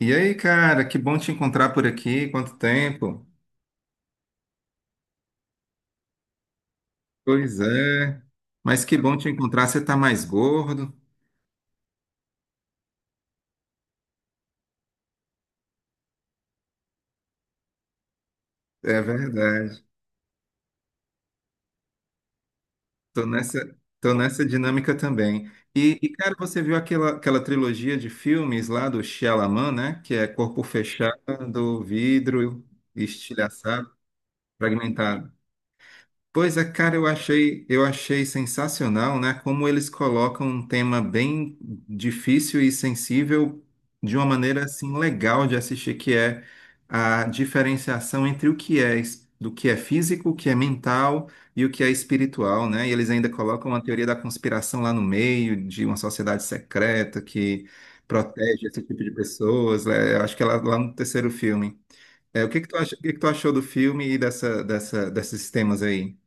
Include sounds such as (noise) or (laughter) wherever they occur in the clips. E aí, cara, que bom te encontrar por aqui. Quanto tempo? Pois é. Mas que bom te encontrar. Você tá mais gordo. É verdade. Tô nessa, tô nessa dinâmica também. E cara, você viu aquela trilogia de filmes lá do Shyamalan, né? Que é Corpo Fechado, Vidro, Estilhaçado, Fragmentado. Pois é, cara, eu achei sensacional, né? Como eles colocam um tema bem difícil e sensível de uma maneira assim legal de assistir, que é a diferenciação entre o que é físico, o que é mental e o que é espiritual, né? E eles ainda colocam a teoria da conspiração lá no meio, de uma sociedade secreta que protege esse tipo de pessoas, né? Eu acho que é lá no terceiro filme. É, o que que tu acha, o que que tu achou do filme e dessa, desses temas aí?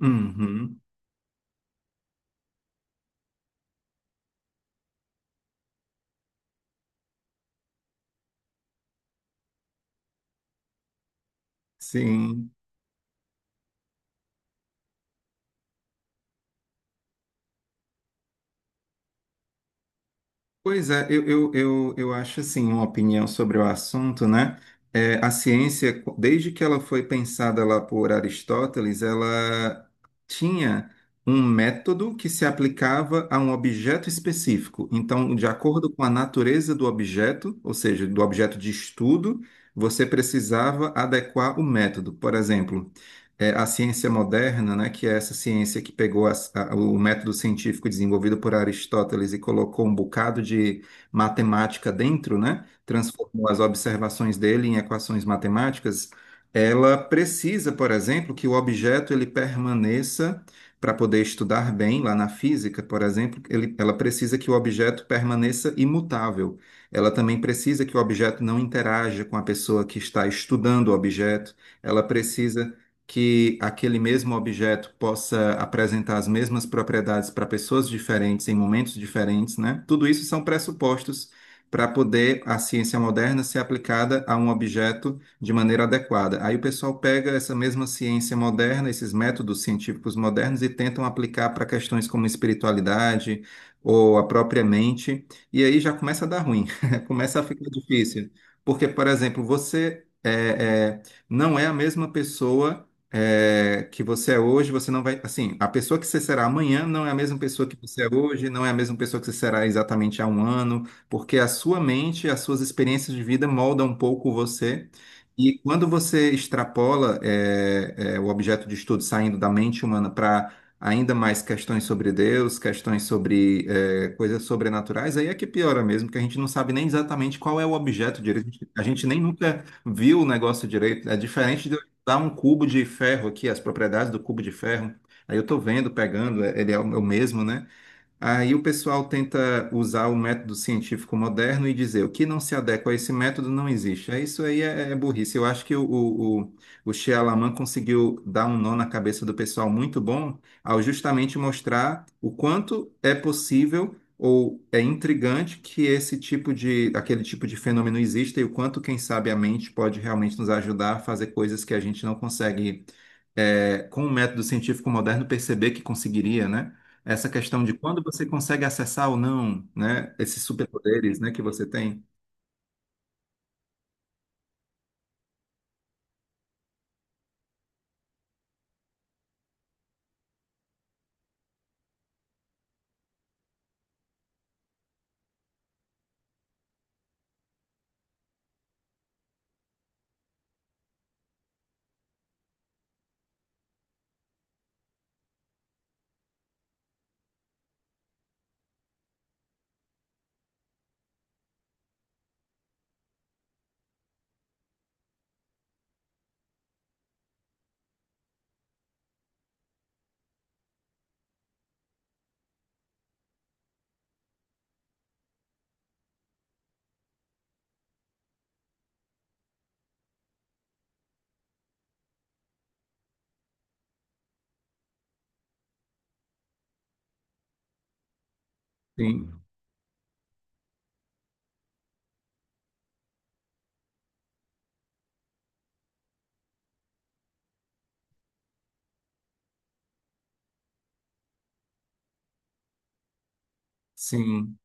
Uhum, sim. Pois é, eu acho assim, uma opinião sobre o assunto, né? É, a ciência, desde que ela foi pensada lá por Aristóteles, ela tinha um método que se aplicava a um objeto específico. Então, de acordo com a natureza do objeto, ou seja, do objeto de estudo, você precisava adequar o método. Por exemplo, a ciência moderna, né, que é essa ciência que pegou o método científico desenvolvido por Aristóteles e colocou um bocado de matemática dentro, né, transformou as observações dele em equações matemáticas, ela precisa, por exemplo, que o objeto ele permaneça para poder estudar bem lá na física, por exemplo, ela precisa que o objeto permaneça imutável. Ela também precisa que o objeto não interaja com a pessoa que está estudando o objeto. Ela precisa que aquele mesmo objeto possa apresentar as mesmas propriedades para pessoas diferentes em momentos diferentes, né? Tudo isso são pressupostos para poder a ciência moderna ser aplicada a um objeto de maneira adequada. Aí o pessoal pega essa mesma ciência moderna, esses métodos científicos modernos e tentam aplicar para questões como espiritualidade ou a própria mente, e aí já começa a dar ruim, (laughs) começa a ficar difícil. Porque, por exemplo, é, não é a mesma pessoa que você é hoje, você não vai. Assim, a pessoa que você será amanhã não é a mesma pessoa que você é hoje, não é a mesma pessoa que você será exatamente há um ano, porque a sua mente, as suas experiências de vida moldam um pouco você. E quando você extrapola o objeto de estudo saindo da mente humana para ainda mais questões sobre Deus, questões sobre coisas sobrenaturais, aí é que piora mesmo, que a gente não sabe nem exatamente qual é o objeto direito, a gente nem nunca viu o negócio direito. É diferente tá um cubo de ferro aqui, as propriedades do cubo de ferro. Aí eu tô vendo, pegando, ele é o mesmo, né? Aí o pessoal tenta usar o método científico moderno e dizer o que não se adequa a esse método não existe. É, isso aí é burrice. Eu acho que o Shyamalan conseguiu dar um nó na cabeça do pessoal muito bom ao justamente mostrar o quanto é possível ou é intrigante que aquele tipo de fenômeno exista e o quanto, quem sabe, a mente pode realmente nos ajudar a fazer coisas que a gente não consegue, com o método científico moderno, perceber que conseguiria, né? Essa questão de quando você consegue acessar ou não, né? Esses superpoderes, né, que você tem. Sim, sim,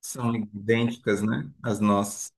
são idênticas, né? As nossas.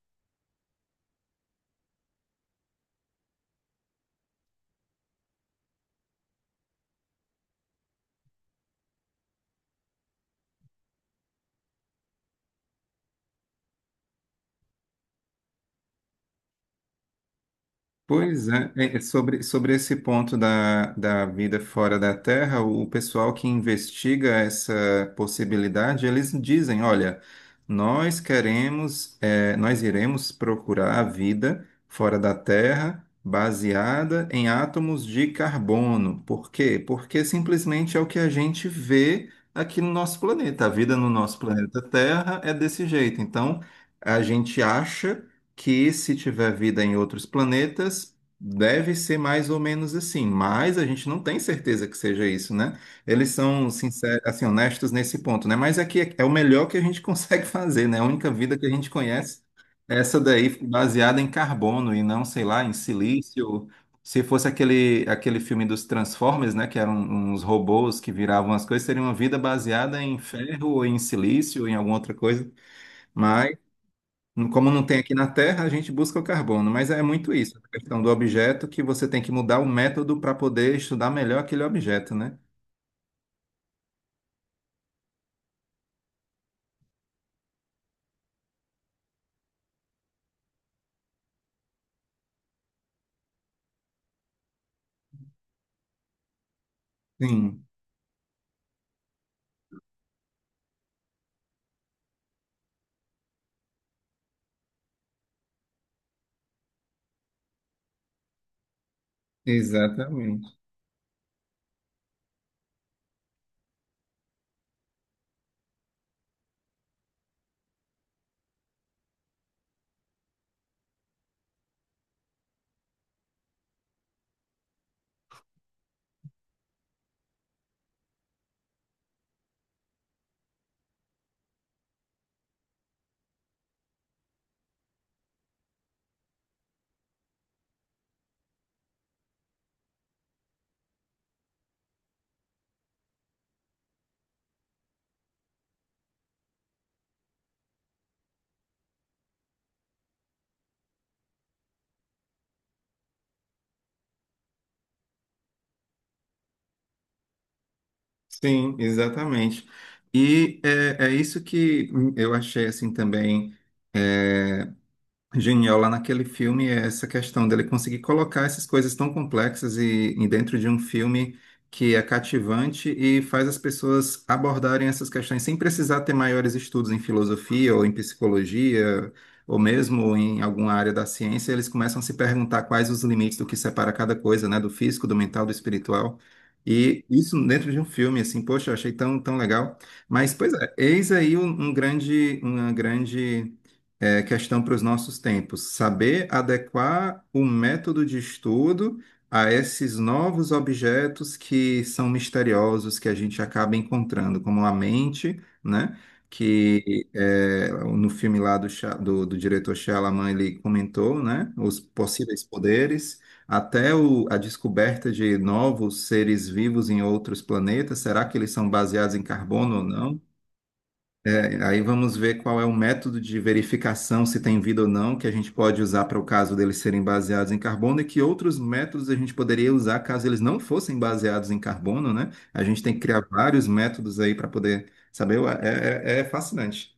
Pois é, é sobre, sobre esse ponto da vida fora da Terra, o pessoal que investiga essa possibilidade, eles dizem, olha, nós queremos, nós iremos procurar a vida fora da Terra baseada em átomos de carbono. Por quê? Porque simplesmente é o que a gente vê aqui no nosso planeta. A vida no nosso planeta Terra é desse jeito. Então, a gente acha que se tiver vida em outros planetas, deve ser mais ou menos assim, mas a gente não tem certeza que seja isso, né? Eles são sinceros, assim, honestos nesse ponto, né? Mas aqui é o melhor que a gente (laughs) consegue fazer, né? A única vida que a gente conhece é essa daí baseada em carbono e não, sei lá, em silício. Se fosse aquele filme dos Transformers, né, que eram uns robôs que viravam as coisas, seria uma vida baseada em ferro ou em silício ou em alguma outra coisa. Mas como não tem aqui na Terra, a gente busca o carbono, mas é muito isso, a questão do objeto que você tem que mudar o método para poder estudar melhor aquele objeto, né? Sim, exatamente. Sim, exatamente. E é, é isso que eu achei assim também eh, genial lá naquele filme é essa questão dele conseguir colocar essas coisas tão complexas e dentro de um filme que é cativante e faz as pessoas abordarem essas questões sem precisar ter maiores estudos em filosofia ou em psicologia ou mesmo em alguma área da ciência, eles começam a se perguntar quais os limites do que separa cada coisa, né, do físico, do mental, do espiritual. E isso dentro de um filme, assim, poxa, eu achei tão, tão legal. Mas, pois é, eis aí um grande, uma grande questão para os nossos tempos. Saber adequar o método de estudo a esses novos objetos que são misteriosos, que a gente acaba encontrando, como a mente, né? Que é, no filme lá do do diretor Shyamalan ele comentou, né? Os possíveis poderes, até a descoberta de novos seres vivos em outros planetas. Será que eles são baseados em carbono ou não? É, aí vamos ver qual é o método de verificação, se tem vida ou não, que a gente pode usar para o caso deles serem baseados em carbono e que outros métodos a gente poderia usar caso eles não fossem baseados em carbono, né? A gente tem que criar vários métodos aí para poder saber. Ué, é, é fascinante.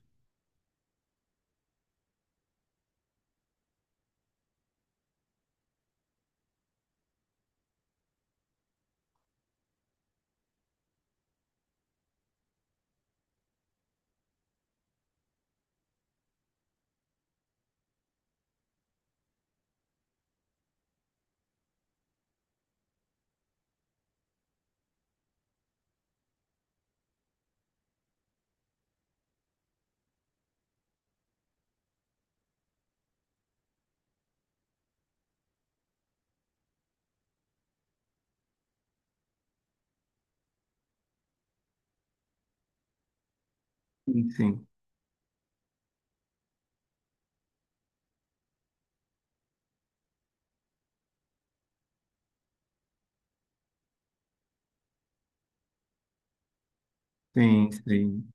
Sim, sim, sim. Sim.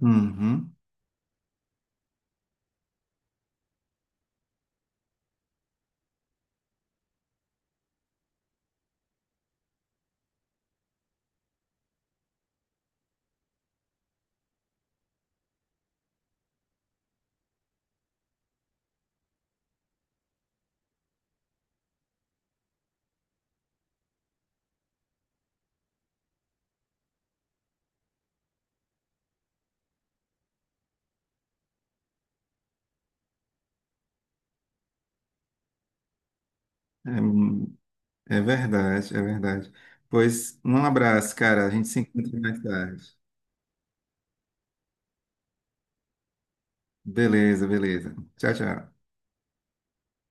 Uhum. É, é verdade, é verdade. Pois um abraço, cara. A gente se encontra mais tarde. Beleza, beleza. Tchau, tchau.